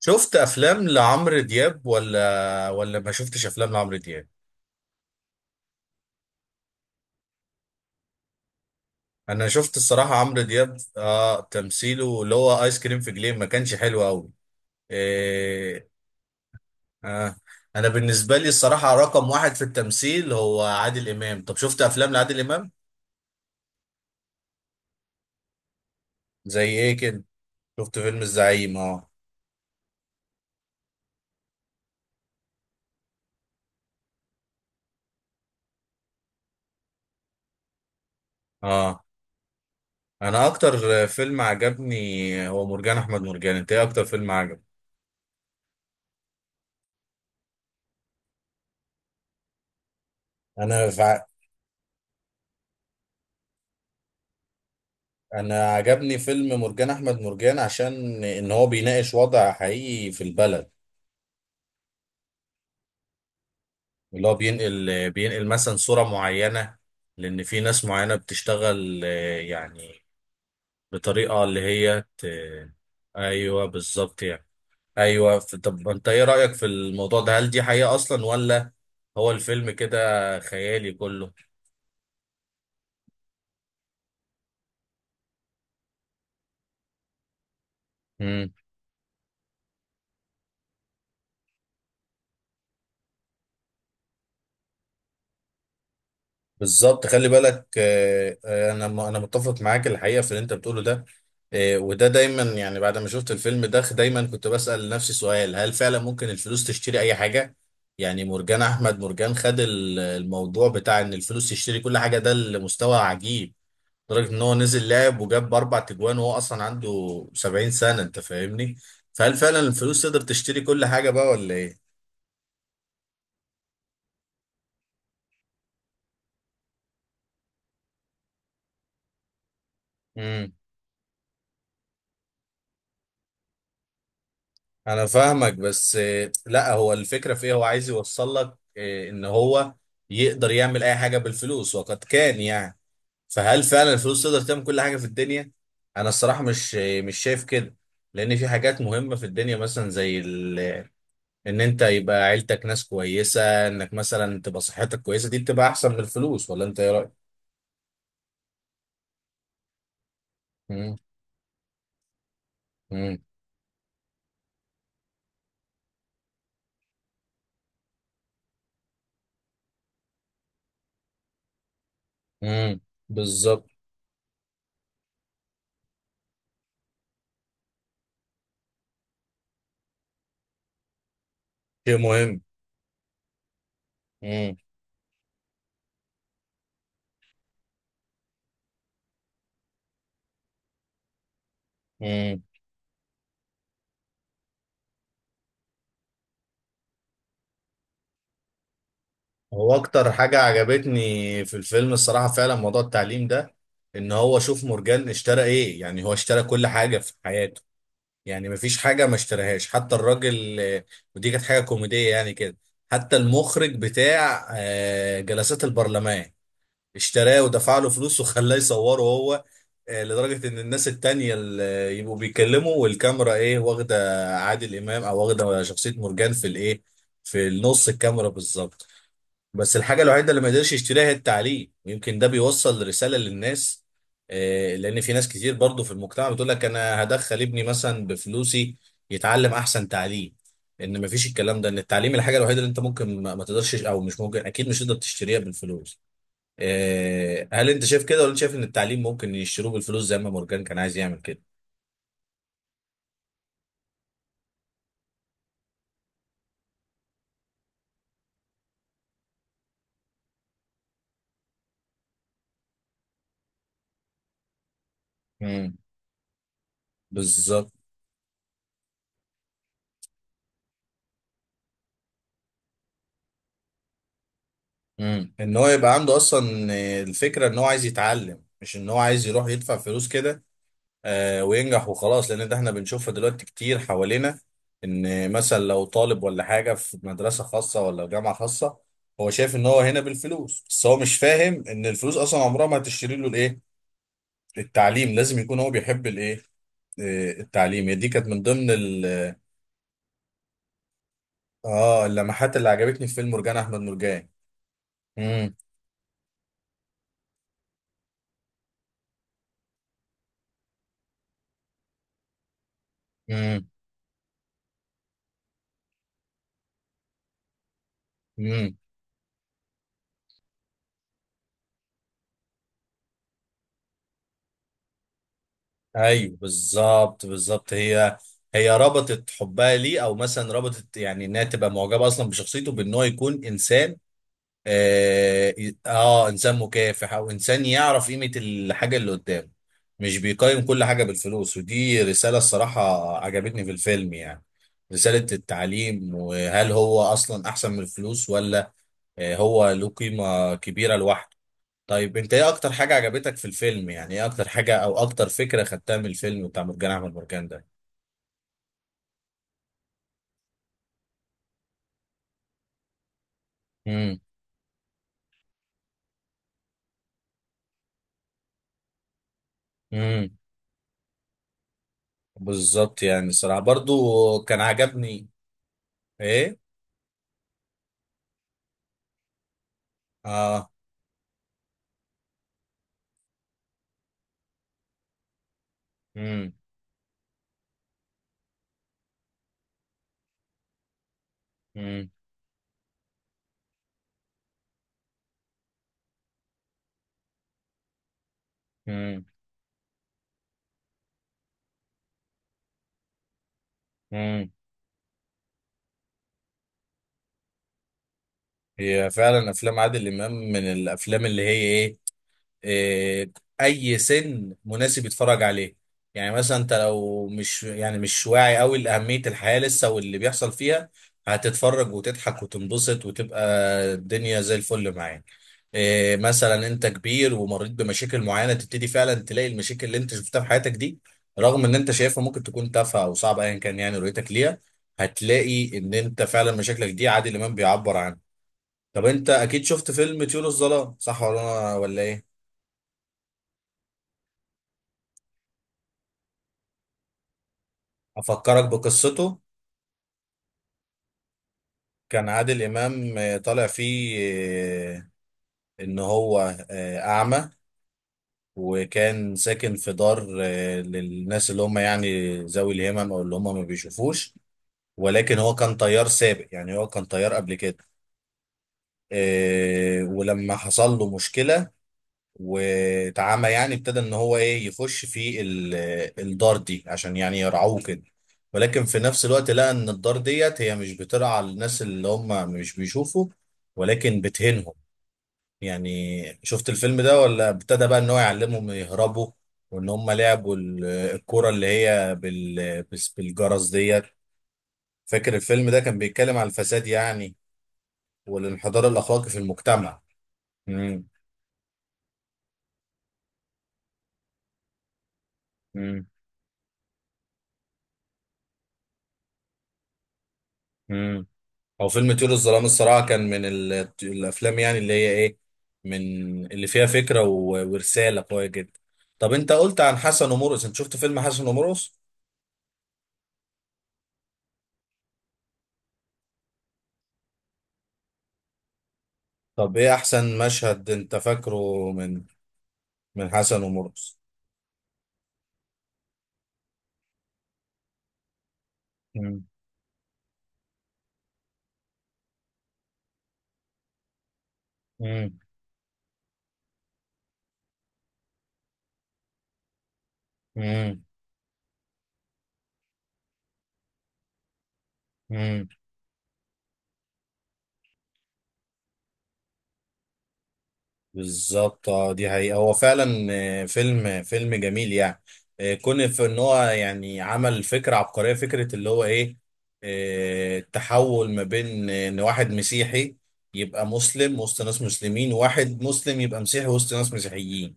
شفت افلام لعمرو دياب ولا ما شفتش افلام لعمرو دياب. انا شفت الصراحه، عمرو دياب تمثيله اللي هو ايس كريم في جليم ما كانش حلو قوي. إيه. آه. انا بالنسبه لي الصراحه، رقم واحد في التمثيل هو عادل امام. طب شفت افلام لعادل امام؟ زي ايه كده؟ شفت فيلم الزعيم، اه. اه، انا اكتر فيلم عجبني هو مرجان احمد مرجان. انت ايه اكتر فيلم عجبك؟ انا انا عجبني فيلم مرجان احمد مرجان عشان ان هو بيناقش وضع حقيقي في البلد، اللي هو بينقل مثلا صورة معينة. لان في ناس معينة بتشتغل يعني بطريقة اللي هي ايوه بالظبط يعني. ايوه طب انت ايه رأيك في الموضوع ده؟ هل دي حقيقة اصلا ولا هو الفيلم كده خيالي كله؟ بالظبط، خلي بالك. انا متفق معاك الحقيقه في اللي انت بتقوله ده. وده دايما، يعني بعد ما شفت الفيلم ده دايما كنت بسال نفسي سؤال: هل فعلا ممكن الفلوس تشتري اي حاجه؟ يعني مرجان احمد مرجان خد الموضوع بتاع ان الفلوس تشتري كل حاجه، ده لمستوى عجيب. لدرجه ان هو نزل لعب وجاب اربع تجوان وهو اصلا عنده 70 سنه. انت فاهمني؟ فهل فعلا الفلوس تقدر تشتري كل حاجه بقى ولا ايه؟ انا فاهمك بس لا، هو الفكره في ايه؟ هو عايز يوصل لك ان هو يقدر يعمل اي حاجه بالفلوس، وقد كان يعني. فهل فعلا الفلوس تقدر تعمل كل حاجه في الدنيا؟ انا الصراحه مش مش شايف كده. لان في حاجات مهمه في الدنيا مثلا زي ان انت يبقى عيلتك ناس كويسه، انك مثلا تبقى صحتك كويسه، دي بتبقى احسن من الفلوس. ولا انت ايه رايك؟ امم. امم. إمم، بالظبط. شيء مهم. امم. إمم. هو اكتر حاجة عجبتني في الفيلم الصراحة فعلا موضوع التعليم ده. ان هو شوف، مورجان اشترى ايه؟ يعني هو اشترى كل حاجة في حياته، يعني مفيش حاجة ما اشتراهاش حتى الراجل. ودي كانت حاجة كوميدية يعني كده. حتى المخرج بتاع جلسات البرلمان اشتراه ودفع له فلوس وخلاه يصوره هو. لدرجة ان الناس التانية اللي يبقوا بيتكلموا والكاميرا ايه واخدة عادل امام، او واخدة شخصية مورجان في الايه، في النص الكاميرا بالظبط. بس الحاجة الوحيدة اللي ما يقدرش يشتريها هي التعليم، ويمكن ده بيوصل رسالة للناس. لأن في ناس كتير برضو في المجتمع بتقول لك أنا هدخل ابني مثلا بفلوسي يتعلم أحسن تعليم. إن مفيش الكلام ده، إن التعليم الحاجة الوحيدة اللي أنت ممكن ما تقدرش، أو مش ممكن، أكيد مش تقدر تشتريها بالفلوس. هل أنت شايف كده ولا أنت شايف إن التعليم ممكن يشتروه بالفلوس زي ما مورجان كان عايز يعمل كده؟ امم. بالظبط. امم. ان هو يبقى عنده اصلا الفكره ان هو عايز يتعلم، مش ان هو عايز يروح يدفع فلوس كده وينجح وخلاص. لان ده احنا بنشوفها دلوقتي كتير حوالينا، ان مثلا لو طالب ولا حاجه في مدرسه خاصه ولا جامعه خاصه، هو شايف ان هو هنا بالفلوس، بس هو مش فاهم ان الفلوس اصلا عمرها ما هتشتري له الايه، التعليم. لازم يكون هو بيحب الايه، التعليم. هي دي كانت من ضمن ال اه اللمحات اللي عجبتني في فيلم مرجان احمد مرجان. امم. امم. إمم. ايوه بالظبط، بالظبط، هي هي ربطت حبها ليه، او مثلا ربطت يعني انها تبقى معجبه اصلا بشخصيته، بان هو يكون انسان. آه, اه، انسان مكافح، او انسان يعرف قيمه الحاجه اللي قدامه، مش بيقيم كل حاجه بالفلوس. ودي رساله الصراحه عجبتني في الفيلم، يعني رساله التعليم وهل هو اصلا احسن من الفلوس ولا. آه، هو له قيمه كبيره لوحده. طيب، انت ايه اكتر حاجة عجبتك في الفيلم؟ يعني ايه اكتر حاجة او اكتر فكرة خدتها من الفيلم بتاع مرجان ده؟ امم. امم. بالظبط. يعني الصراحة برضو كان عجبني. ايه. اه. امم. امم. امم. امم. هي فعلا افلام عادل امام من الافلام اللي هي ايه، آه، اي سن مناسب يتفرج عليه. يعني مثلا انت لو مش يعني مش واعي قوي لاهميه الحياه لسه واللي بيحصل فيها، هتتفرج وتضحك وتنبسط وتبقى الدنيا زي الفل معاك. مثلا انت كبير ومريت بمشاكل معينه، تبتدي فعلا تلاقي المشاكل اللي انت شفتها في حياتك دي، رغم ان انت شايفها ممكن تكون تافهه او صعبه، ايا كان يعني رؤيتك ليها، هتلاقي ان انت فعلا مشاكلك دي عادل امام بيعبر عنها. طب انت اكيد شفت فيلم طيور الظلام، صح ولا ايه؟ أفكرك بقصته. كان عادل إمام طالع فيه آه، إن هو أعمى، وكان ساكن في دار للناس اللي هم يعني ذوي الهمم، أو اللي هم ما بيشوفوش. ولكن هو كان طيار سابق، يعني هو كان طيار قبل كده. ولما حصل له مشكلة واتعمى، يعني ابتدى ان هو ايه يخش في الدار دي عشان يعني يرعوه كده. ولكن في نفس الوقت لقى ان الدار ديت هي مش بترعى الناس اللي هم مش بيشوفوا، ولكن بتهينهم يعني. شفت الفيلم ده ولا؟ ابتدى بقى ان هو يعلمهم يهربوا، وان هم لعبوا الكرة اللي هي بالجرس ديت. فاكر الفيلم ده كان بيتكلم على الفساد يعني والانحدار الاخلاقي في المجتمع. امم. او فيلم طيور الظلام الصراحه كان من الافلام يعني اللي هي ايه، من اللي فيها فكره ورساله قويه جدا. طب انت قلت عن حسن ومرقص، انت شفت فيلم حسن ومرقص؟ طب ايه احسن مشهد انت فاكره من حسن ومرقص؟ امم. امم. بالظبط. اه، دي حقيقة هو فعلا فيلم جميل يعني. كون في ان هو يعني عمل فكرة عبقرية، فكرة اللي هو ايه، التحول ما بين ان واحد مسيحي يبقى مسلم وسط ناس مسلمين، وواحد مسلم يبقى مسيحي وسط ناس مسيحيين.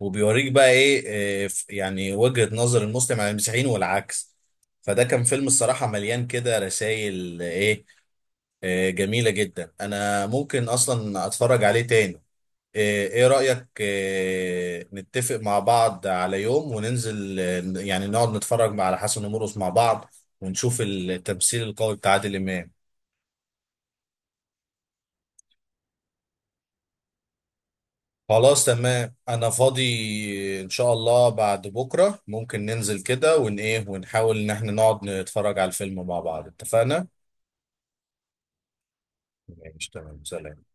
وبيوريك بقى ايه، يعني وجهة نظر المسلم عن المسيحيين والعكس. فده كان فيلم الصراحة مليان كده رسائل جميلة جدا. أنا ممكن أصلا أتفرج عليه تاني. إيه رأيك؟ نتفق مع بعض على يوم وننزل، يعني نقعد نتفرج على حسن ومرقص مع بعض، ونشوف التمثيل القوي بتاع عادل إمام. خلاص تمام، أنا فاضي. إن شاء الله بعد بكرة ممكن ننزل كده ون إيه، ونحاول إن إحنا نقعد نتفرج على الفيلم مع بعض، اتفقنا؟ ماشي، تمام، سلام.